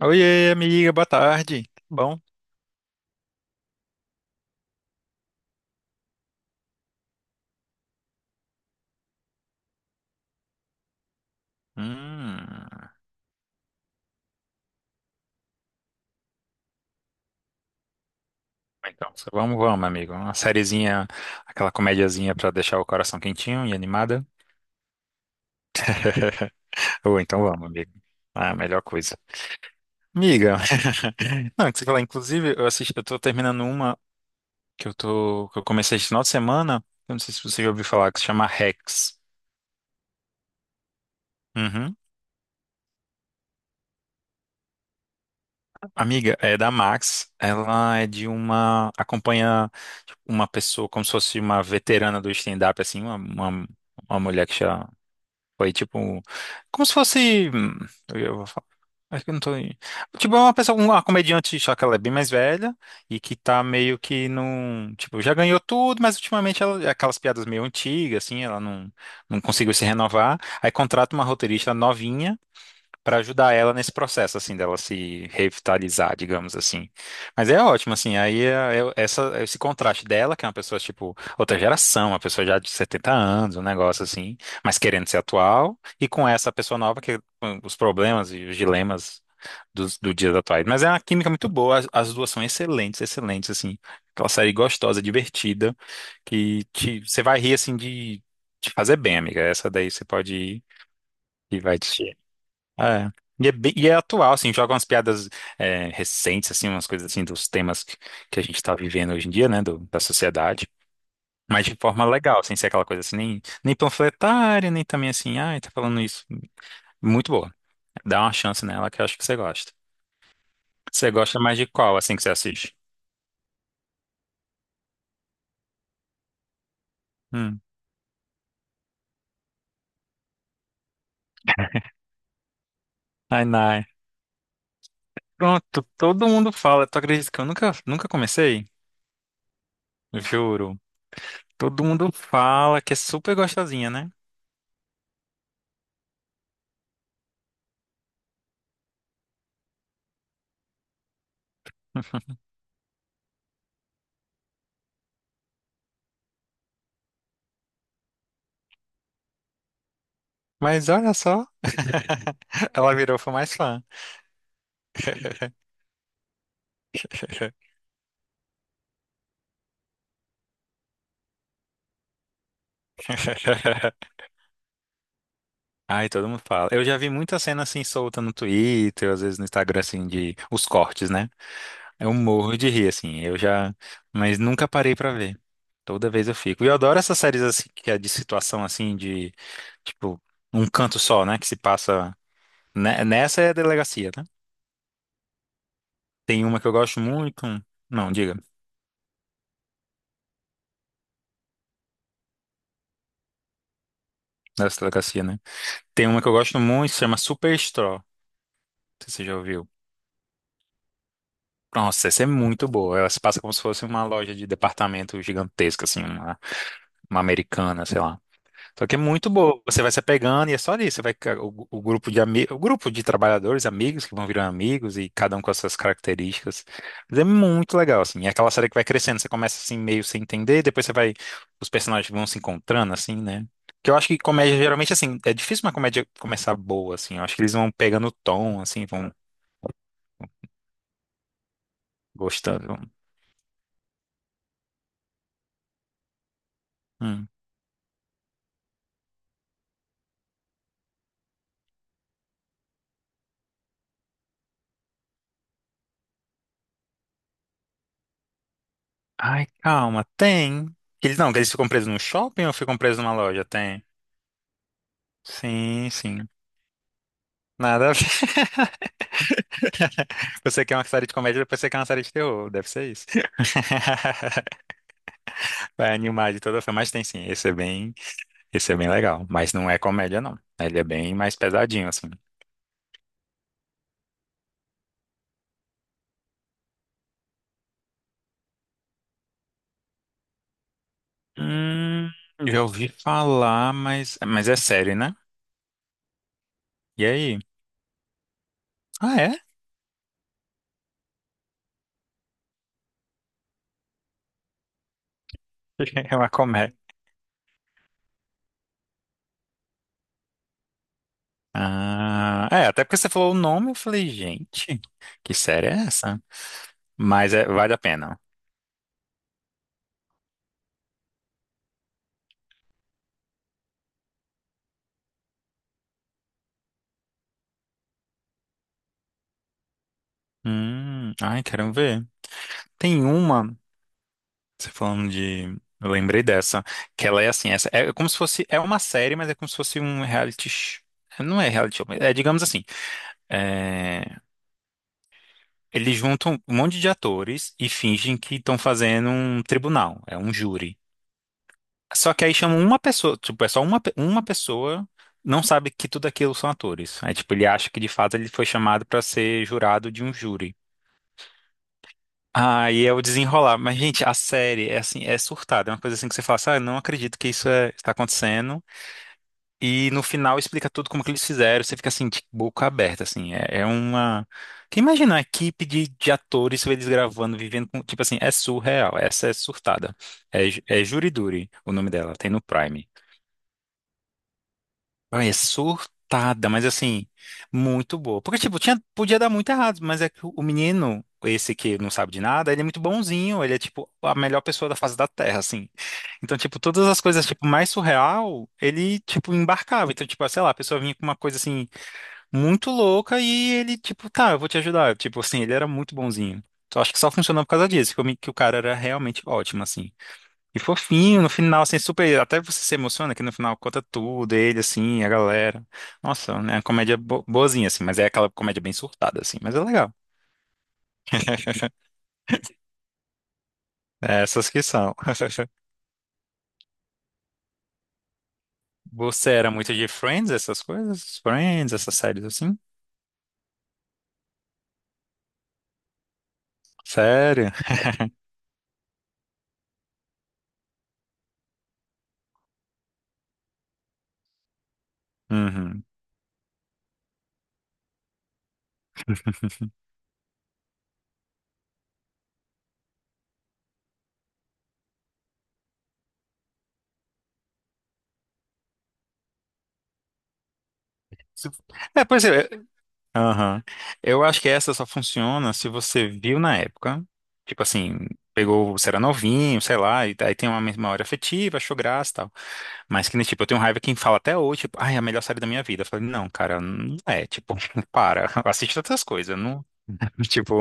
Oiê, amiga, boa tarde. Tudo bom? Hum, então, só vamos, vamos, amigo. Uma sériezinha, aquela comediazinha pra deixar o coração quentinho e animada. Ou então vamos, amigo. Ah, melhor coisa. Amiga, não, que você falar, inclusive, eu assisti, eu tô terminando uma que eu comecei esse final de semana. Eu não sei se você já ouviu falar, que se chama Rex. Uhum. Amiga, é da Max. Ela é de uma, acompanha tipo, uma pessoa como se fosse uma veterana do stand-up, assim, uma mulher que já foi tipo, como se fosse, eu vou falar, acho que eu não tô, tipo, é uma pessoa, uma comediante, só que ela é bem mais velha e que tá meio que num, tipo, já ganhou tudo, mas ultimamente ela, aquelas piadas meio antigas, assim, ela não conseguiu se renovar, aí contrata uma roteirista novinha para ajudar ela nesse processo, assim, dela se revitalizar, digamos assim. Mas é ótimo, assim, aí é essa, esse contraste dela, que é uma pessoa, tipo, outra geração, uma pessoa já de 70 anos, um negócio assim, mas querendo ser atual, e com essa pessoa nova, que com os problemas e os dilemas do dias atuais. Mas é uma química muito boa, as duas são excelentes, excelentes, assim. Aquela série gostosa, divertida, você vai rir, assim, de fazer bem, amiga. Essa daí você pode ir e vai te... É. E é, e é atual, assim, joga umas piadas recentes, assim, umas coisas assim dos temas que, a gente tá vivendo hoje em dia, né, da sociedade, mas de forma legal, sem ser aquela coisa assim, nem, nem panfletária, nem também assim, ai, tá falando isso. Muito boa. Dá uma chance nela que eu acho que você gosta. Você gosta mais de qual, assim, que você assiste? Hum. Ai, nai. Pronto, todo mundo fala. Tu acredita que eu nunca, nunca comecei? Juro. Todo mundo fala que é super gostosinha, né? Mas olha só, ela virou fã mais fã. Ai, todo mundo fala. Eu já vi muita cena assim solta no Twitter, às vezes no Instagram, assim, de os cortes, né? Eu morro de rir, assim. Eu já. Mas nunca parei pra ver. Toda vez eu fico. E eu adoro essas séries assim, que é de situação assim, de tipo, um canto só, né? Que se passa. Nessa é a delegacia, né? Tem uma que eu gosto muito. Não, diga, nessa delegacia, né? Tem uma que eu gosto muito, se chama Superstore. Não sei se você já ouviu? Nossa, essa é muito boa. Ela se passa como se fosse uma loja de departamento gigantesca, assim, uma americana, sei lá. Só que é muito boa. Você vai se apegando e é só isso. Você vai, o o grupo de trabalhadores, amigos que vão virando amigos e cada um com as suas características. Mas é muito legal, assim. É aquela série que vai crescendo. Você começa assim meio sem entender, depois você vai, os personagens vão se encontrando, assim, né? Que eu acho que comédia geralmente assim é difícil uma comédia começar boa, assim. Eu acho que eles vão pegando o tom, assim, vão gostando. Vão... Hum. Ai, calma, tem. Eles não, eles ficam presos no shopping ou ficam presos numa loja? Tem. Sim, sim. Nada a ver. Você quer uma série de comédia, depois você quer uma série de terror. Deve ser isso. Vai animar de toda forma. Mas tem sim. Esse é bem legal. Mas não é comédia, não. Ele é bem mais pesadinho, assim. Hum, já ouvi falar, mas é sério, né? E aí? Ah, é? É uma comédia. Ah, é, até porque você falou o nome, eu falei, gente, que série é essa? Mas é, vale a pena. Ai, quero ver. Tem uma, você falando de. Eu lembrei dessa, que ela é assim, essa, é como se fosse, é uma série, mas é como se fosse um reality, não é reality show, mas é digamos assim, é, eles juntam um monte de atores e fingem que estão fazendo um tribunal, é um júri. Só que aí chamam uma pessoa, tipo, é só uma, uma pessoa não sabe que tudo aquilo são atores. Aí, tipo, ele acha que de fato ele foi chamado para ser jurado de um júri. Ah, e é o desenrolar. Mas, gente, a série é assim, é surtada. É uma coisa assim que você fala assim, ah, eu não acredito que isso está acontecendo. E no final explica tudo como que eles fizeram. Você fica assim, de boca aberta, assim. É, é uma. Quem imagina a equipe de atores, eles gravando, vivendo com. Tipo assim, é surreal. Essa é surtada. É, é Jury Duty, o nome dela. Tem no Prime. Ai, é surtada, mas assim, muito boa. Porque, tipo, tinha, podia dar muito errado, mas é que o menino, esse que não sabe de nada, ele é muito bonzinho, ele é, tipo, a melhor pessoa da face da Terra, assim. Então, tipo, todas as coisas, tipo, mais surreal, ele, tipo, embarcava. Então, tipo, sei lá, a pessoa vinha com uma coisa, assim, muito louca e ele, tipo, tá, eu vou te ajudar. Tipo, assim, ele era muito bonzinho. Então, acho que só funcionou por causa disso, que, que o cara era realmente ótimo, assim. E fofinho, no final, assim, super. Até você se emociona que no final conta tudo, ele, assim, a galera. Nossa, né? Uma comédia boazinha, assim, mas é aquela comédia bem surtada, assim, mas é legal. É, essas que são. Você era muito de Friends, essas coisas? Friends, essas séries assim? Sério? Uhum. Se- É, pois é. Aham. Eu acho que essa só funciona se você viu na época. Tipo assim, pegou, você era novinho, sei lá, e daí tem uma memória afetiva, achou graça e tal. Mas que nem, tipo, eu tenho raiva quem fala até hoje, tipo, ai, é a melhor série da minha vida. Eu falei, não, cara, não é, tipo, para, assiste outras coisas, não, tipo,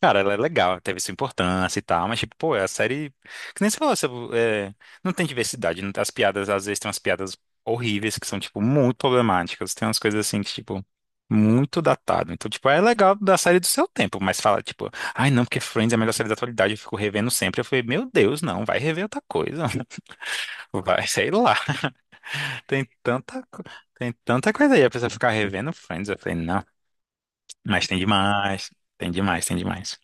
cara, ela é legal, teve sua importância e tal, mas, tipo, pô, é a série, que nem você falou, você, é, não tem diversidade, as piadas, às vezes, tem umas piadas horríveis que são, tipo, muito problemáticas, tem umas coisas assim que, tipo, muito datado. Então, tipo, é legal da série do seu tempo, mas fala, tipo, ai, não, porque Friends é a melhor série da atualidade, eu fico revendo sempre. Eu falei, meu Deus, não, vai rever outra coisa, vai, sei lá. Tem tanta, co- Tem tanta coisa aí. A pessoa ficar revendo Friends. Eu falei, não, mas tem demais. Tem demais, tem demais.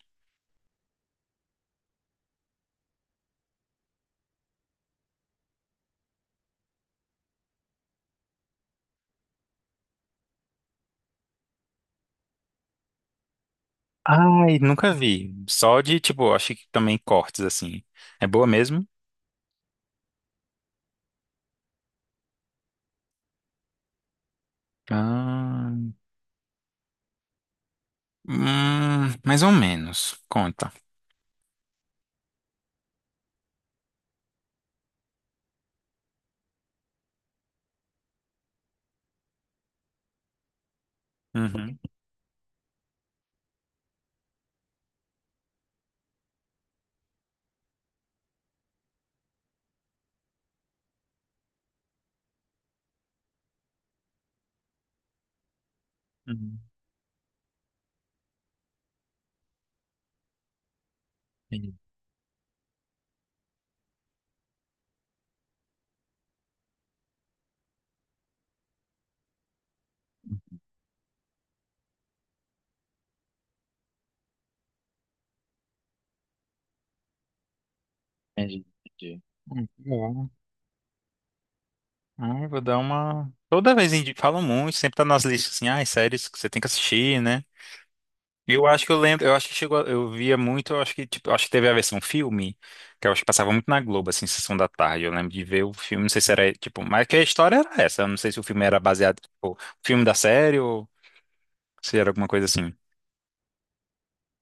Ai, nunca vi. Só de, tipo, acho que também cortes, assim. É boa mesmo? Ah, mais ou menos. Conta. Uhum. Uhum. Entendi, entendi. Entendi. Bom. Ah, eu vou dar uma. Toda vez falam muito, sempre tá nas listas assim, ah, séries que você tem que assistir, né? Eu acho que eu lembro, eu acho que chegou, eu via muito, eu acho que tipo, eu acho que teve a versão filme, que eu acho que passava muito na Globo, assim, sessão da tarde. Eu lembro de ver o filme, não sei se era, tipo, mas que a história era essa, eu não sei se o filme era baseado, tipo, filme da série ou se era alguma coisa assim.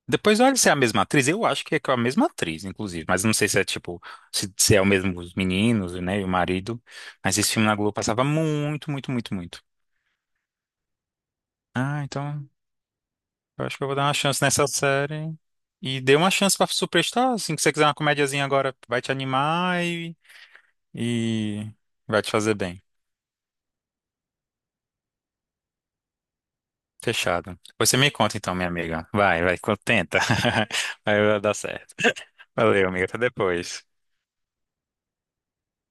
Depois olha se é a mesma atriz, eu acho que é com a mesma atriz, inclusive, mas não sei se é tipo, se é o mesmo os meninos, né, e o marido, mas esse filme na Globo passava muito, muito, muito, muito. Ah, então eu acho que eu vou dar uma chance nessa série. E dê uma chance pra Superstar, assim, que você quiser uma comediazinha agora, vai te animar e vai te fazer bem. Fechado. Depois você me conta então, minha amiga. Vai, vai, tenta. Vai dar certo. Valeu, amiga. Até depois.